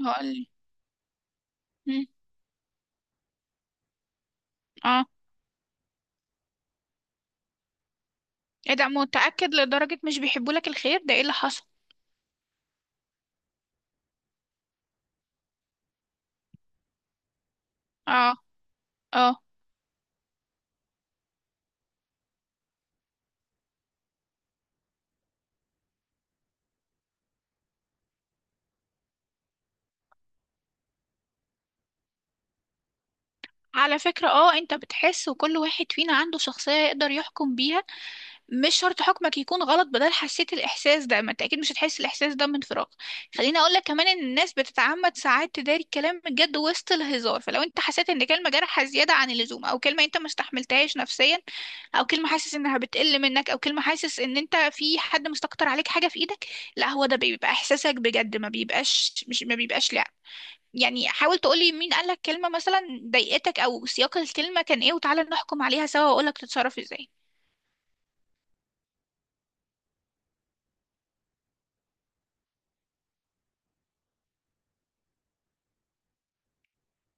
هقولي. مم. اه. ايه ده، متأكد لدرجة مش بيحبوا لك الخير؟ ده ايه اللي حصل؟ اه. اه. على فكرة، انت بتحس، وكل واحد فينا عنده شخصية يقدر يحكم بيها. مش شرط حكمك يكون غلط، بدل حسيت الاحساس ده، ما انت اكيد مش هتحس الاحساس ده من فراغ. خليني اقول لك كمان ان الناس بتتعمد ساعات تداري الكلام الجد وسط الهزار، فلو انت حسيت ان كلمه جارحه زياده عن اللزوم، او كلمه انت ما استحملتهاش نفسيا، او كلمه حاسس انها بتقل منك، او كلمه حاسس ان انت في حد مستكتر عليك حاجه في ايدك، لا هو ده بيبقى احساسك بجد، ما بيبقاش مش، ما بيبقاش، لا. يعني حاول تقولي مين قالك كلمه مثلا ضايقتك، او سياق الكلمه كان ايه، وتعالى نحكم عليها سوا واقولك تتصرف ازاي.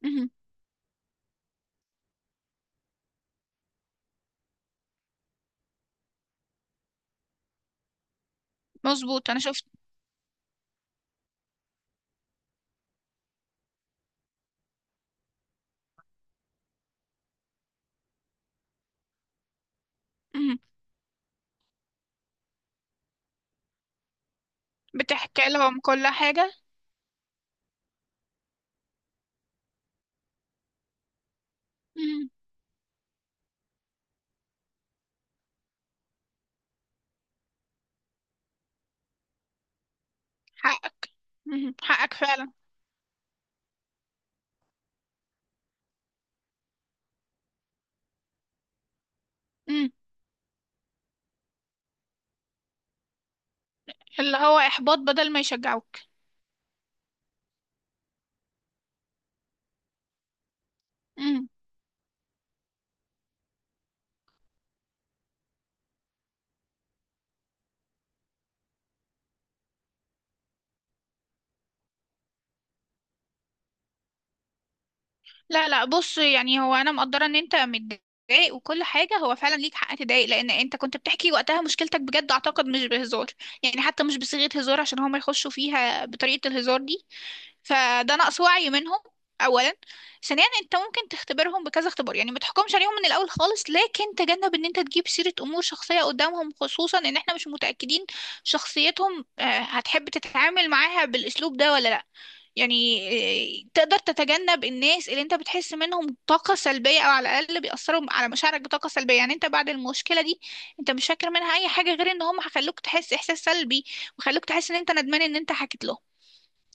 مهم. مظبوط، انا شفت. مم. بتحكي لهم كل حاجة. مم. حقك. مم. حقك فعلا. مم. اللي هو إحباط بدل ما يشجعوك. مم. لا لا، بص، يعني هو أنا مقدرة إن أنت متضايق وكل حاجة، هو فعلا ليك حق تضايق لأن أنت كنت بتحكي وقتها مشكلتك بجد، أعتقد مش بهزار. يعني حتى مش بصيغة هزار عشان هما يخشوا فيها بطريقة الهزار دي، فده نقص وعي منهم. اولا، ثانيا، انت ممكن تختبرهم بكذا اختبار. يعني ما تحكمش عليهم من الاول خالص، لكن تجنب ان انت تجيب سيرة امور شخصية قدامهم، خصوصا ان احنا مش متأكدين شخصيتهم. هتحب تتعامل معاها بالاسلوب ده ولا لا؟ يعني تقدر تتجنب الناس اللي انت بتحس منهم طاقة سلبية، او على الاقل بيأثروا على مشاعرك بطاقة سلبية. يعني انت بعد المشكلة دي، انت مش فاكر منها اي حاجة غير ان هم هيخلوك تحس احساس سلبي، وخلوك تحس ان انت ندمان ان انت حكيت لهم.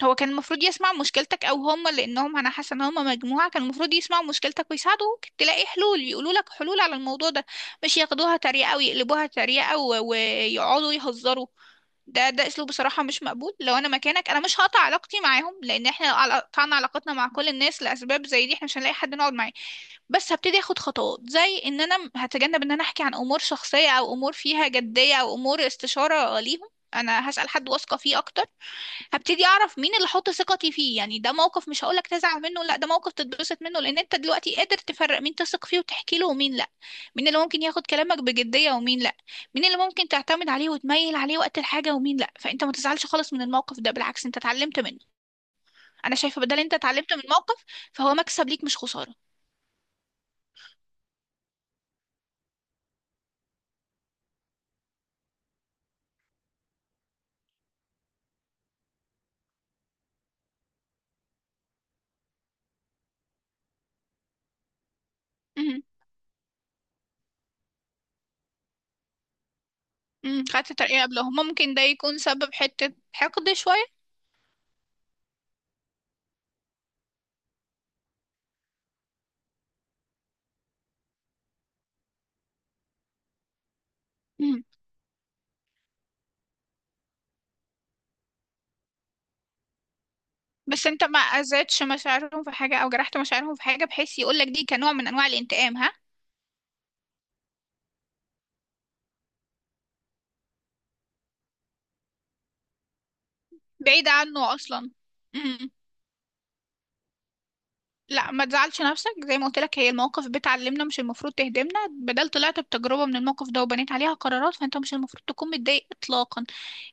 هو كان المفروض يسمع مشكلتك، او هم، لانهم انا حاسه ان هم مجموعه، كان المفروض يسمعوا مشكلتك ويساعدوك تلاقي حلول، يقولوا لك حلول على الموضوع ده، مش ياخدوها تريقه ويقلبوها تريقه ويقعدوا يهزروا. ده اسلوب بصراحه مش مقبول. لو انا مكانك انا مش هقطع علاقتي معاهم، لان احنا لو قطعنا علاقتنا مع كل الناس لاسباب زي دي، احنا مش هنلاقي حد نقعد معاه. بس هبتدي اخد خطوات زي ان انا هتجنب ان انا احكي عن امور شخصيه او امور فيها جديه او امور استشاره ليهم. انا هسال حد واثقه فيه اكتر. هبتدي اعرف مين اللي احط ثقتي فيه. يعني ده موقف مش هقولك تزعل منه، لا، ده موقف تتبسط منه، لان انت دلوقتي قادر تفرق مين تثق فيه وتحكي له ومين لا. مين اللي ممكن ياخد كلامك بجدية ومين لا. مين اللي ممكن تعتمد عليه وتميل عليه وقت الحاجة ومين لا. فانت ما تزعلش خالص من الموقف ده، بالعكس انت اتعلمت منه. انا شايفة بدل انت اتعلمت من موقف، فهو مكسب ليك مش خسارة. امم امم خدت ترقية قبلهم، ممكن ده يكون سبب حتة حقد شوية. مم. بس انت ما اذيتش مشاعرهم في حاجة او جرحت مشاعرهم في حاجة بحيث يقولك دي كنوع من انواع الانتقام، ها؟ بعيدة عنه أصلا. مم. لا ما تزعلش نفسك، زي ما قلت لك هي المواقف بتعلمنا مش المفروض تهدمنا. بدل طلعت بتجربة من الموقف ده وبنيت عليها قرارات، فانت مش المفروض تكون متضايق اطلاقا.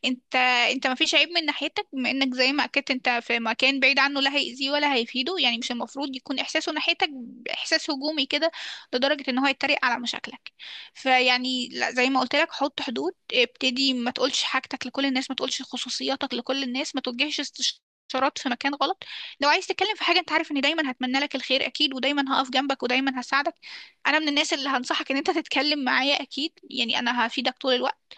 انت انت ما فيش عيب من ناحيتك، بما انك زي ما اكدت انت في مكان بعيد عنه لا هيأذيه ولا هيفيده، يعني مش المفروض يكون احساسه ناحيتك احساس هجومي كده لدرجة ان هو يتريق على مشاكلك. فيعني لا، زي ما قلت لك حط حدود، ابتدي ما تقولش حاجتك لكل الناس، ما تقولش خصوصياتك لكل الناس، ما توجهش استشارات في مكان غلط. لو عايز تتكلم في حاجة، انت عارف اني دايما هتمنى لك الخير اكيد، ودايما هقف جنبك ودايما هساعدك. انا من الناس اللي هنصحك ان انت تتكلم معايا اكيد، يعني انا هفيدك طول الوقت.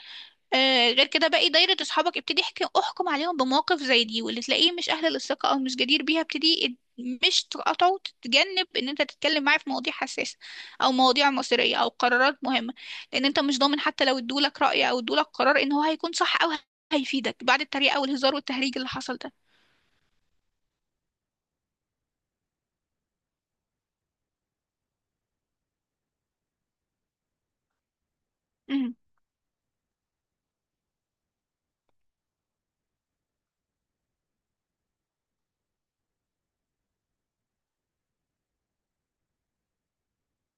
آه، غير كده باقي دايرة اصحابك ابتدي احكم عليهم بمواقف زي دي، واللي تلاقيه مش اهل للثقة او مش جدير بيها، ابتدي مش تقاطعه، تتجنب ان انت تتكلم معاه في مواضيع حساسة او مواضيع مصيرية او قرارات مهمة، لان انت مش ضامن حتى لو ادولك رأي او ادولك قرار ان هو هيكون صح او هيفيدك بعد التريقة والهزار والتهريج اللي حصل ده.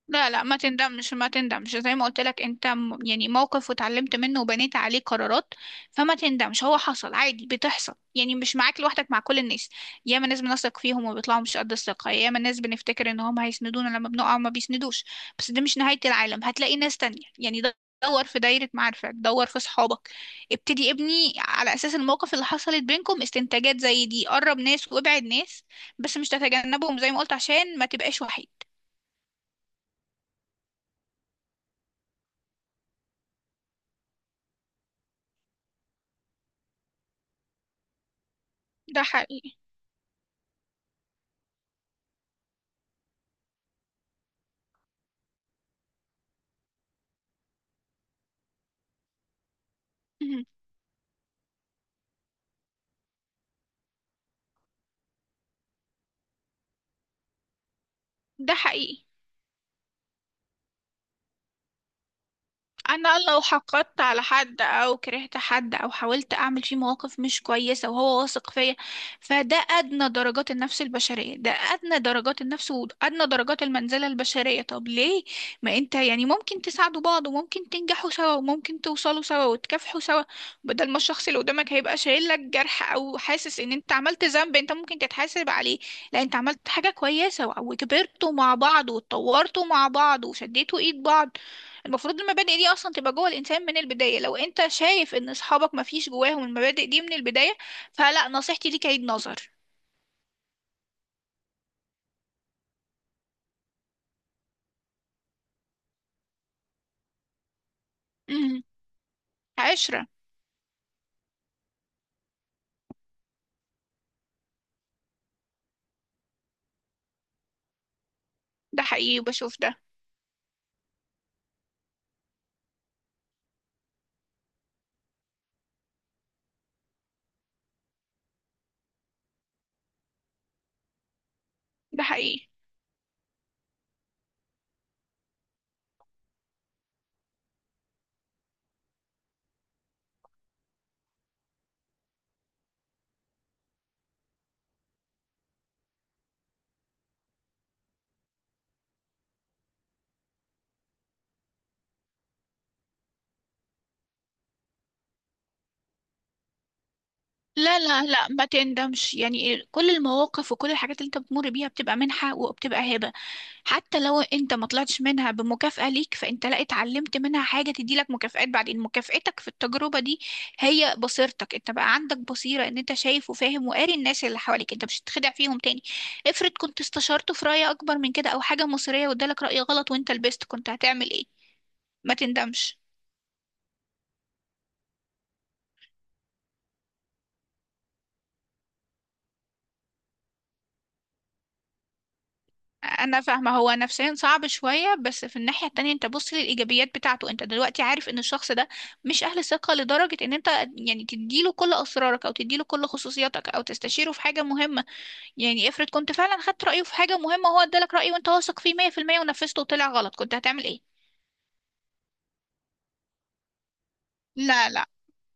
لا لا ما تندمش، ما تندمش، زي ما قلت لك انت يعني موقف واتعلمت منه وبنيت عليه قرارات، فما تندمش. هو حصل عادي، بتحصل، يعني مش معاك لوحدك، مع كل الناس. ياما ناس بنثق فيهم وبيطلعوا مش قد الثقة، ياما ناس بنفتكر ان هم هيسندونا لما بنقع وما بيسندوش. بس ده مش نهاية العالم، هتلاقي ناس تانية. يعني دور في دايرة معارفك، دور في صحابك، ابتدي ابني على اساس المواقف اللي حصلت بينكم استنتاجات زي دي، قرب ناس وابعد ناس، بس مش تتجنبهم زي ما قلت عشان ما تبقاش وحيد. ده حقيقي. ده حقيقي. انا لو حقدت على حد او كرهت حد او حاولت اعمل فيه مواقف مش كويسه وهو واثق فيا، فده ادنى درجات النفس البشريه، ده ادنى درجات النفس وادنى درجات المنزله البشريه. طب ليه؟ ما انت يعني ممكن تساعدوا بعض وممكن تنجحوا سوا وممكن توصلوا سوا وتكافحوا سوا، بدل ما الشخص اللي قدامك هيبقى شايل لك جرح او حاسس ان انت عملت ذنب انت ممكن تتحاسب عليه. لا، انت عملت حاجه كويسه وكبرتوا مع بعض واتطورتوا مع بعض وشديتوا ايد بعض. المفروض المبادئ دي اصلا تبقى جوه الانسان من البدايه. لو انت شايف ان اصحابك ما فيش جواهم المبادئ دي من البدايه، فلا، نصيحتي ليك عيد نظر. امم. 10. ده حقيقي وبشوف ده. ده حقيقي. لا ما تندمش، يعني كل المواقف وكل الحاجات اللي انت بتمر بيها بتبقى منحة وبتبقى هبة. حتى لو انت ما طلعتش منها بمكافأة ليك، فانت لا اتعلمت منها حاجة تديلك مكافآت بعدين. مكافأتك في التجربة دي هي بصيرتك، انت بقى عندك بصيرة ان انت شايف وفاهم وقاري الناس اللي حواليك، انت مش هتتخدع فيهم تاني. افرض كنت استشرته في رأي اكبر من كده او حاجة مصيرية وادالك رأي غلط وانت لبست كنت هتعمل ايه؟ ما تندمش. انا فاهمه، هو نفسيا صعب شويه، بس في الناحيه التانية انت بص للايجابيات بتاعته. انت دلوقتي عارف ان الشخص ده مش اهل ثقه لدرجه ان انت يعني تديله كل اسرارك او تديله كل خصوصياتك او تستشيره في حاجه مهمه. يعني افرض كنت فعلا خدت رايه في حاجه مهمه وهو ادالك رايه وانت واثق فيه 100% ونفذته وطلع غلط، كنت هتعمل ايه؟ لا لا،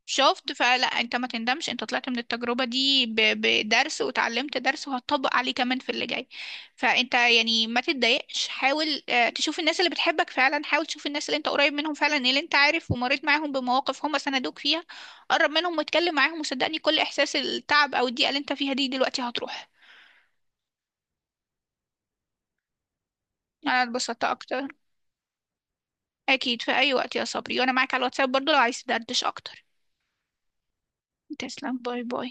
شفت؟ فلا انت ما تندمش، انت طلعت من التجربة دي بدرس وتعلمت درس وهتطبق عليه كمان في اللي جاي. فانت يعني ما تتضايقش، حاول تشوف الناس اللي بتحبك فعلا، حاول تشوف الناس اللي انت قريب منهم فعلا اللي انت عارف ومريت معاهم بمواقف هم سندوك فيها. قرب منهم واتكلم معاهم، وصدقني كل احساس التعب او الضيقة اللي انت فيها دي دلوقتي هتروح. انا اتبسطت اكتر. اكيد في اي وقت يا صبري، وانا معاك على الواتساب برضو لو عايز تدردش اكتر. تسلم، باي باي.